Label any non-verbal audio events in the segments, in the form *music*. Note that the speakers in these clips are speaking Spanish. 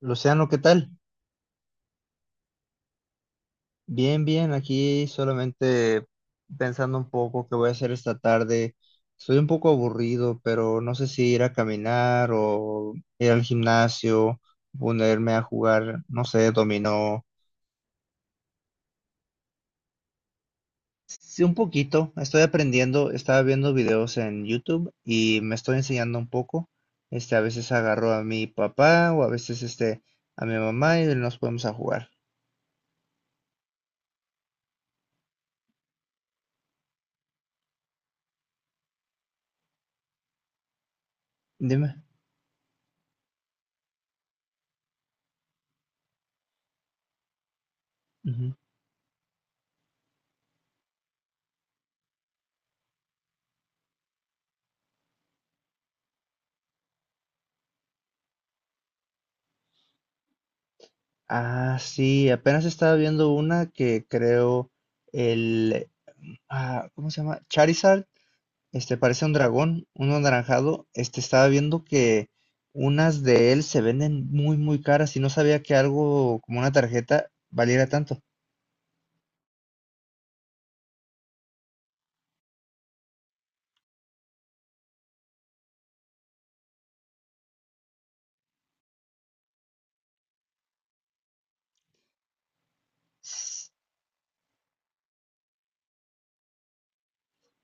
Luciano, ¿qué tal? Bien, bien, aquí solamente pensando un poco qué voy a hacer esta tarde. Estoy un poco aburrido, pero no sé si ir a caminar o ir al gimnasio, ponerme a jugar, no sé, dominó. Sí, un poquito. Estoy aprendiendo, estaba viendo videos en YouTube y me estoy enseñando un poco. A veces agarro a mi papá o a veces a mi mamá y nos ponemos a jugar. Dime. Ah, sí, apenas estaba viendo una que creo el, ¿cómo se llama? Charizard, parece un dragón, un anaranjado. Estaba viendo que unas de él se venden muy, muy caras y no sabía que algo como una tarjeta valiera tanto. S-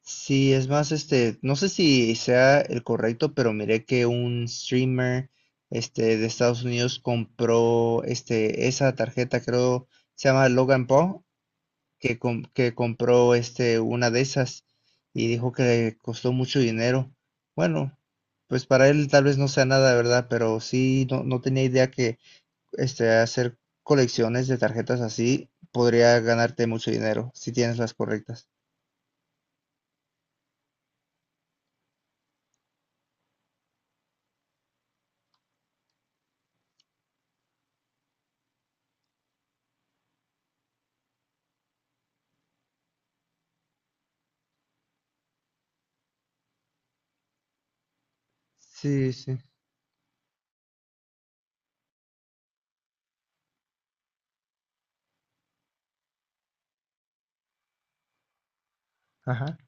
Sí, es más, no sé si sea el correcto, pero miré que un streamer, de Estados Unidos compró, esa tarjeta, creo, se llama Logan Paul que compró una de esas y dijo que le costó mucho dinero. Bueno, pues para él tal vez no sea nada, ¿verdad? Pero sí, no, no tenía idea que hacer colecciones de tarjetas así podría ganarte mucho dinero si tienes las correctas. Sí, sí. Ajá.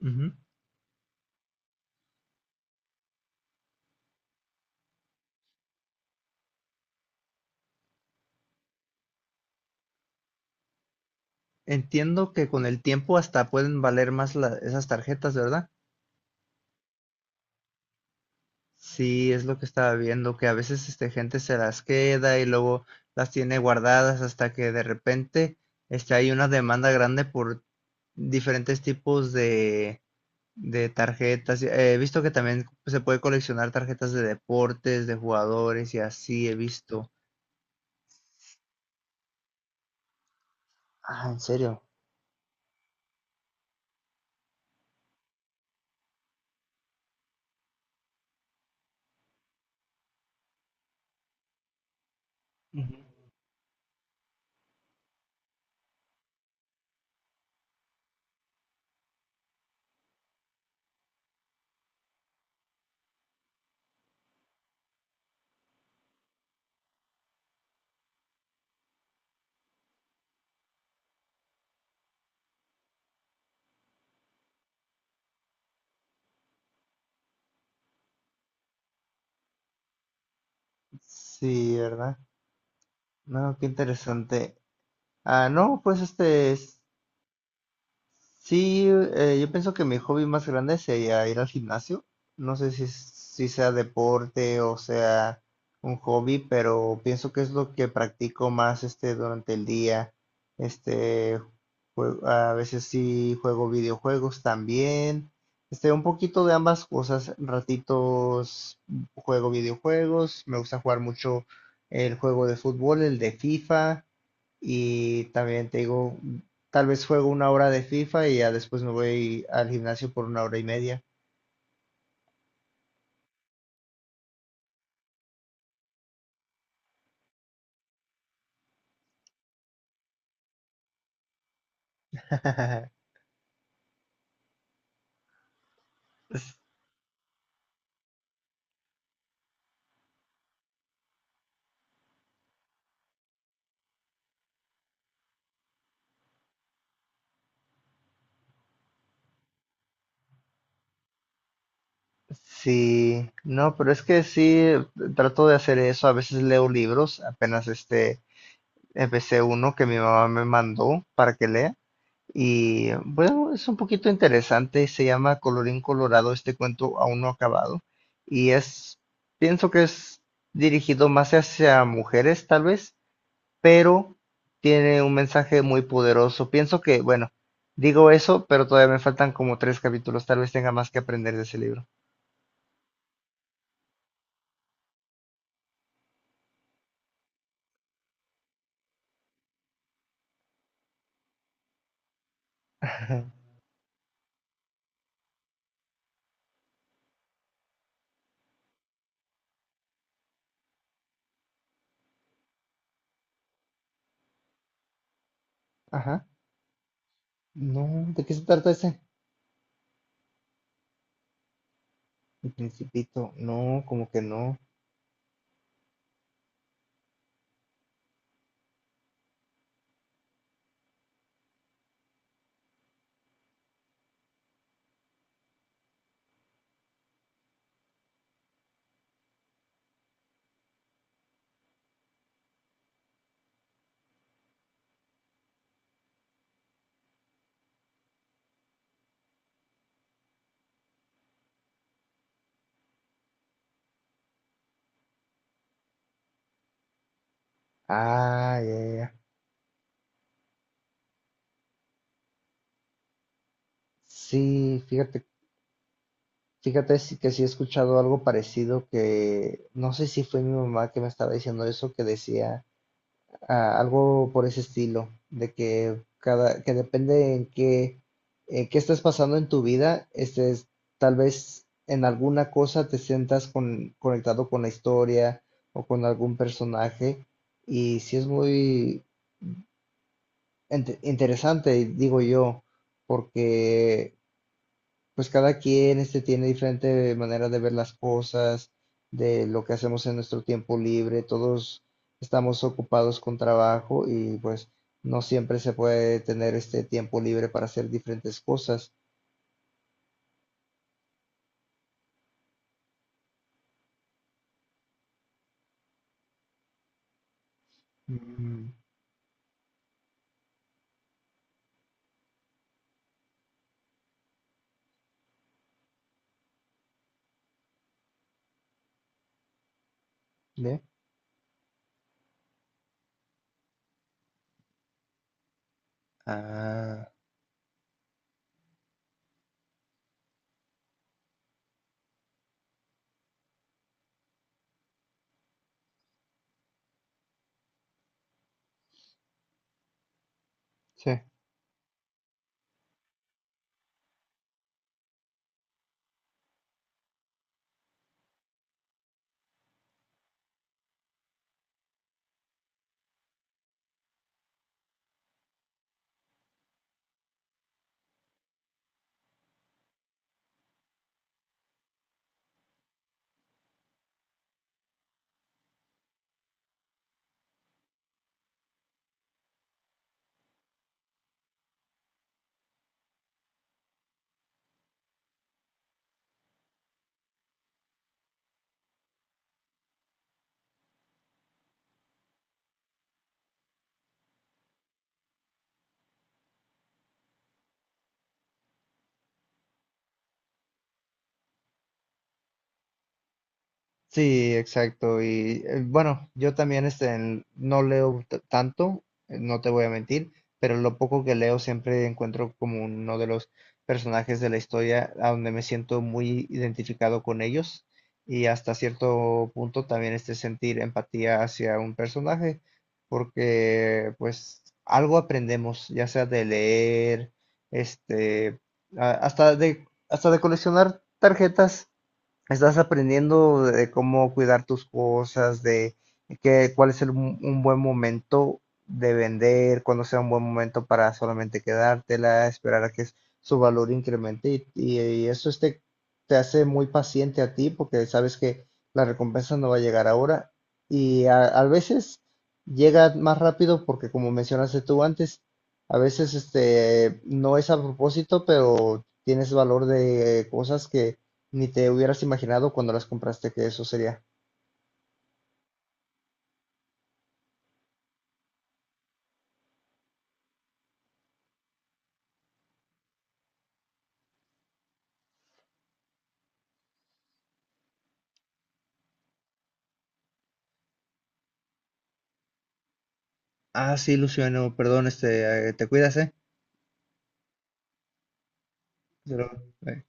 Ujú. Entiendo que con el tiempo hasta pueden valer más esas tarjetas, ¿verdad? Sí, es lo que estaba viendo, que a veces gente se las queda y luego las tiene guardadas hasta que de repente hay una demanda grande por diferentes tipos de tarjetas. He visto que también se puede coleccionar tarjetas de deportes, de jugadores y así he visto. Ah, ¿en serio? Ujú. Sí, ¿verdad? No, qué interesante. Ah, no, pues este es. Sí, yo pienso que mi hobby más grande sería ir al gimnasio. No sé si sea deporte o sea un hobby, pero pienso que es lo que practico más durante el día. Este, a veces sí juego videojuegos también. Un poquito de ambas cosas. Ratitos juego videojuegos. Me gusta jugar mucho el juego de fútbol, el de FIFA. Y también te digo, tal vez juego una hora de FIFA y ya después me voy al gimnasio por una hora y media. *laughs* S- Sí, no, pero es que sí, trato de hacer eso. A veces leo libros, apenas empecé uno que mi mamá me mandó para que lea. Y bueno, es un poquito interesante, se llama Colorín Colorado, este cuento aún no acabado. Y es, Pienso que es dirigido más hacia mujeres, tal vez, pero tiene un mensaje muy poderoso. Pienso que, bueno, digo eso, pero todavía me faltan como tres capítulos. Tal vez tenga más que aprender de ese libro. *laughs* Ajá. No, ¿de qué se trata ese? El Principito. No, como que no. Ah, ya, ya, ya. Sí, fíjate, que sí he escuchado algo parecido que no sé si fue mi mamá que me estaba diciendo eso, que decía, ah, algo por ese estilo, de que que depende en qué, qué estés pasando en tu vida, tal vez en alguna cosa te sientas conectado con la historia o con algún personaje, y sí es muy interesante, digo yo, porque pues cada quien tiene diferente manera de ver las cosas, de lo que hacemos en nuestro tiempo libre, todos estamos ocupados con trabajo y pues no siempre se puede tener este tiempo libre para hacer diferentes cosas. Mm. ¿Ve? Ah, sí. Sí, exacto. Y bueno, yo también no leo tanto, no te voy a mentir, pero lo poco que leo siempre encuentro como uno de los personajes de la historia a donde me siento muy identificado con ellos y hasta cierto punto también sentir empatía hacia un personaje, porque pues algo aprendemos, ya sea de leer, este, hasta de coleccionar tarjetas. Estás aprendiendo de cómo cuidar tus cosas, un buen momento de vender, cuándo sea un buen momento para solamente quedártela, esperar a que su valor incremente y eso te hace muy paciente a ti porque sabes que la recompensa no va a llegar ahora y a veces llega más rápido porque como mencionaste tú antes, a veces no es a propósito, pero tienes valor de cosas que ni te hubieras imaginado cuando las compraste que eso sería. Ah, sí, Luciano, perdón, te cuidas, ¿eh? Pero, eh,